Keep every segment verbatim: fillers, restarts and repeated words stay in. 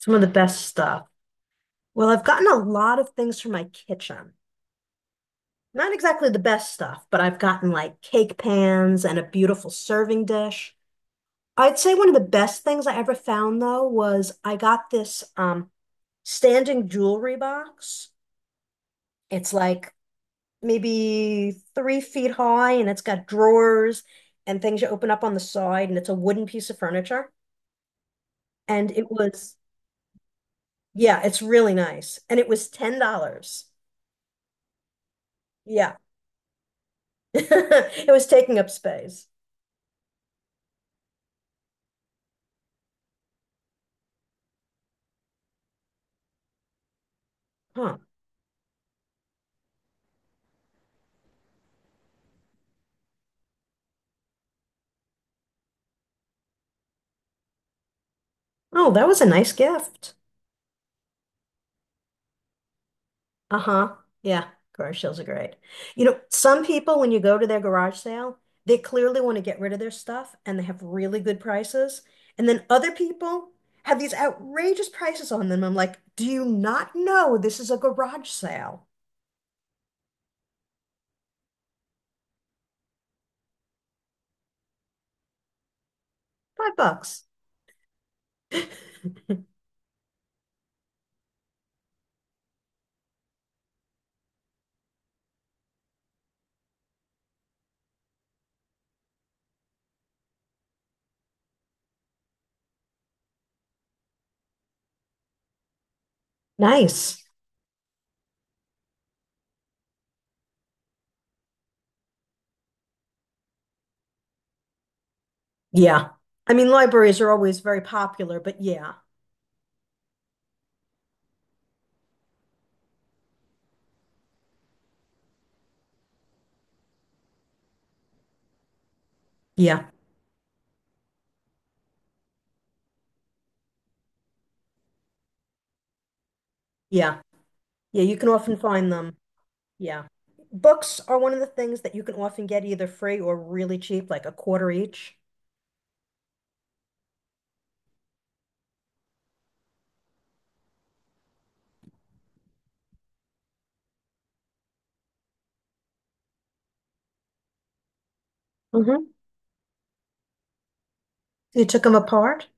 Some of the best stuff. Well, I've gotten a lot of things from my kitchen. Not exactly the best stuff, but I've gotten like cake pans and a beautiful serving dish. I'd say one of the best things I ever found though was I got this um standing jewelry box. It's like maybe three feet high and it's got drawers and things you open up on the side and it's a wooden piece of furniture. And it was, yeah, it's really nice. And it was ten dollars. Yeah. It was taking up space. Huh. Oh, that was a nice gift. Uh-huh. Yeah, garage sales are great. You know, some people, when you go to their garage sale, they clearly want to get rid of their stuff and they have really good prices. And then other people have these outrageous prices on them. I'm like, do you not know this is a garage sale? Five bucks. Nice. Yeah. I mean, libraries are always very popular, but yeah, yeah, yeah, yeah, you can often find them. Yeah. Books are one of the things that you can often get either free or really cheap, like a quarter each. Mm-hmm. You took them apart?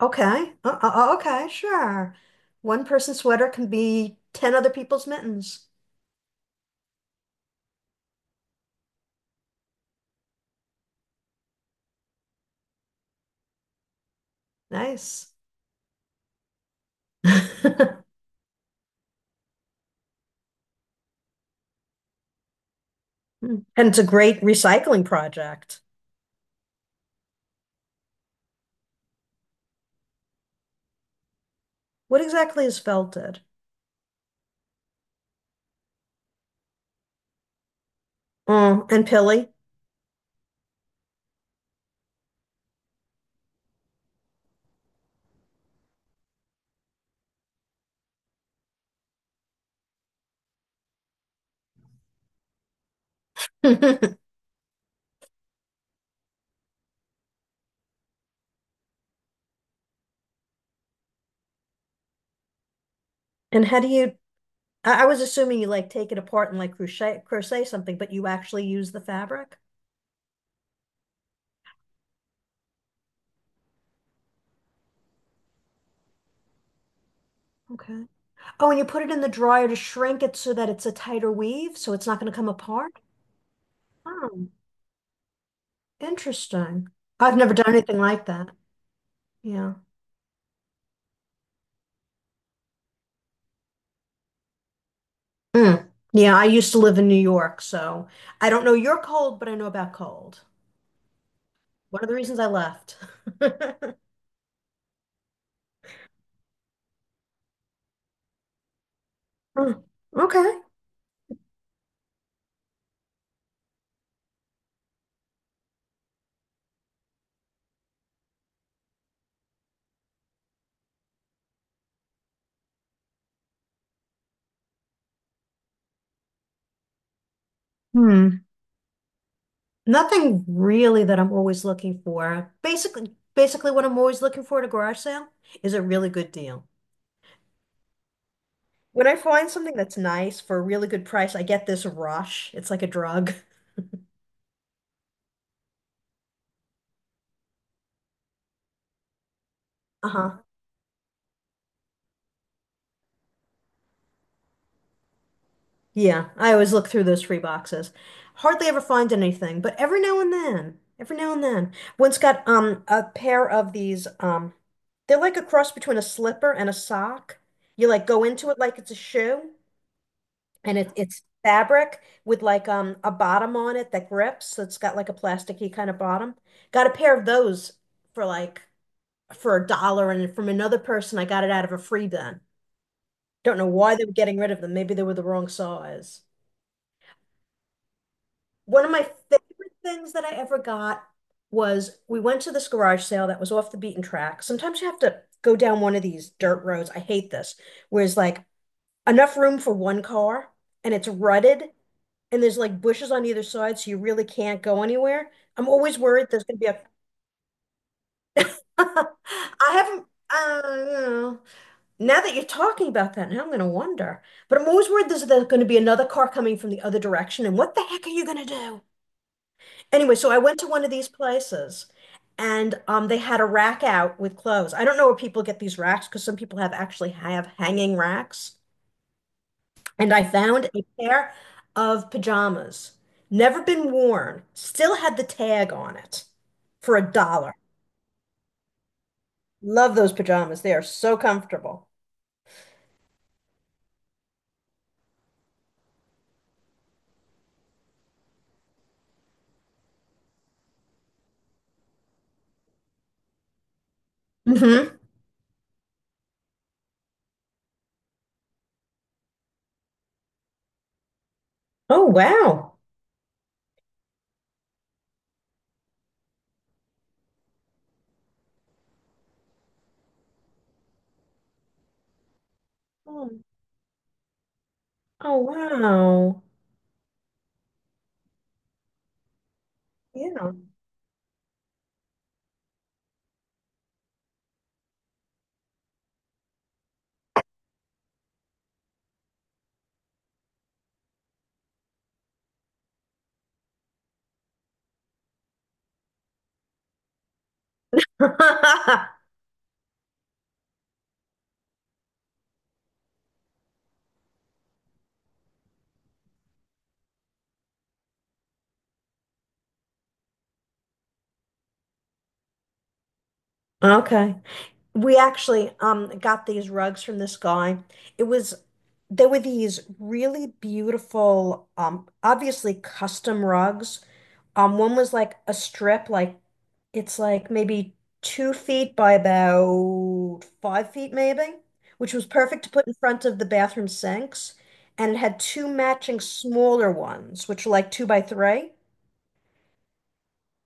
Okay. Uh, uh, uh, okay, sure. One person's sweater can be ten other people's mittens. Nice. And it's a great recycling project. What exactly is felted? Oh, and pilly. And how do you, I, I was assuming you like take it apart and like crochet crochet something, but you actually use the fabric? Okay. Oh, and you put it in the dryer to shrink it so that it's a tighter weave, so it's not going to come apart? Oh, interesting. I've never done anything like that. Yeah. Mm. Yeah, I used to live in New York, so I don't know your cold, but I know about cold. One of the reasons I left. Mm. Okay. Hmm. Nothing really that I'm always looking for. Basically, basically what I'm always looking for at a garage sale is a really good deal. When I find something that's nice for a really good price, I get this rush. It's like a drug. Uh-huh. Yeah, I always look through those free boxes. Hardly ever find anything, but every now and then, every now and then, once got um a pair of these um they're like a cross between a slipper and a sock. You like go into it like it's a shoe and it, it's fabric with like um a bottom on it that grips, so it's got like a plasticky kind of bottom. Got a pair of those for like for a dollar and from another person I got it out of a free bin. Don't know why they were getting rid of them. Maybe they were the wrong size. One of my favorite things that I ever got was we went to this garage sale that was off the beaten track. Sometimes you have to go down one of these dirt roads. I hate this, where it's like enough room for one car and it's rutted and there's like bushes on either side, so you really can't go anywhere. I'm always worried there's going to be a. I haven't. Uh, now that you're talking about that, now I'm going to wonder. But I'm always worried there's there's going to be another car coming from the other direction, and what the heck are you going to do? Anyway, so I went to one of these places and um, they had a rack out with clothes. I don't know where people get these racks because some people have actually have hanging racks. And I found a pair of pajamas, never been worn, still had the tag on it for a dollar. Love those pajamas. They are so comfortable. Hmm. Oh, wow. Oh, oh, wow. Yeah. Okay. We actually um got these rugs from this guy. It was they were these really beautiful, um, obviously custom rugs. Um, one was like a strip, like it's like maybe two feet by about five feet, maybe, which was perfect to put in front of the bathroom sinks. And it had two matching smaller ones, which were like two by three.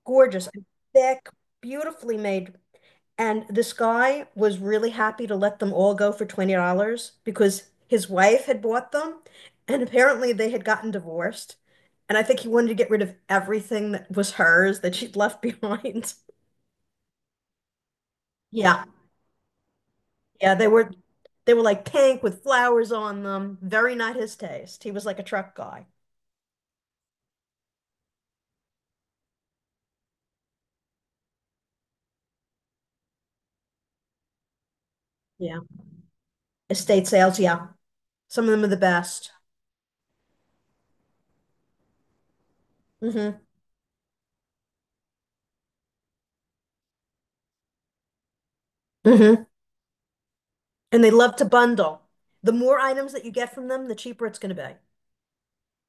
Gorgeous, and thick, beautifully made and this guy was really happy to let them all go for twenty dollars because his wife had bought them. And apparently they had gotten divorced. And I think he wanted to get rid of everything that was hers that she'd left behind. Yeah. Yeah, they were they were like pink with flowers on them. Very not his taste. He was like a truck guy. Yeah. Estate sales, yeah. Some of them are the best. Hmm. Hmm. And they love to bundle. The more items that you get from them, the cheaper it's going to be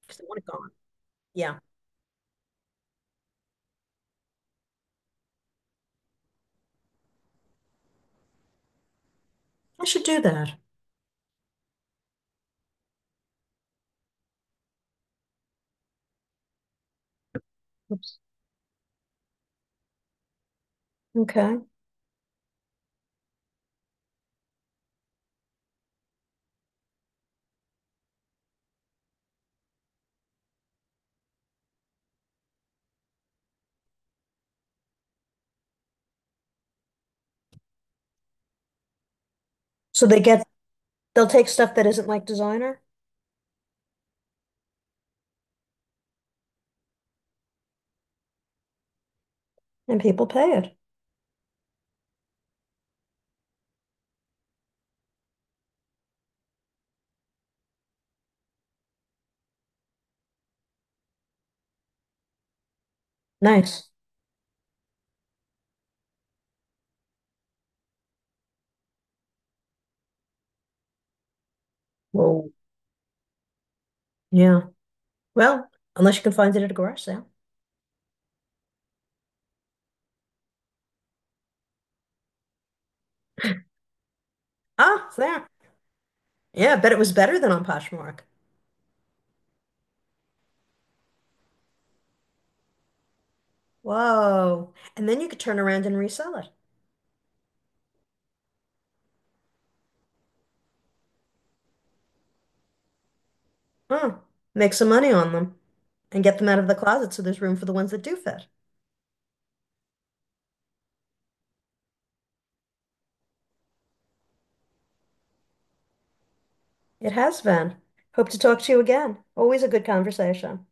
because they want it gone. Yeah. I should do that. Oops. Okay. So they get, they'll take stuff that isn't like designer and people pay it. Nice. Whoa. Yeah. Well, unless you can find it at a garage sale. Ah, there. Yeah, I bet it was better than on Poshmark. Whoa. And then you could turn around and resell it. Huh. Make some money on them and get them out of the closet so there's room for the ones that do fit. It has been. Hope to talk to you again. Always a good conversation.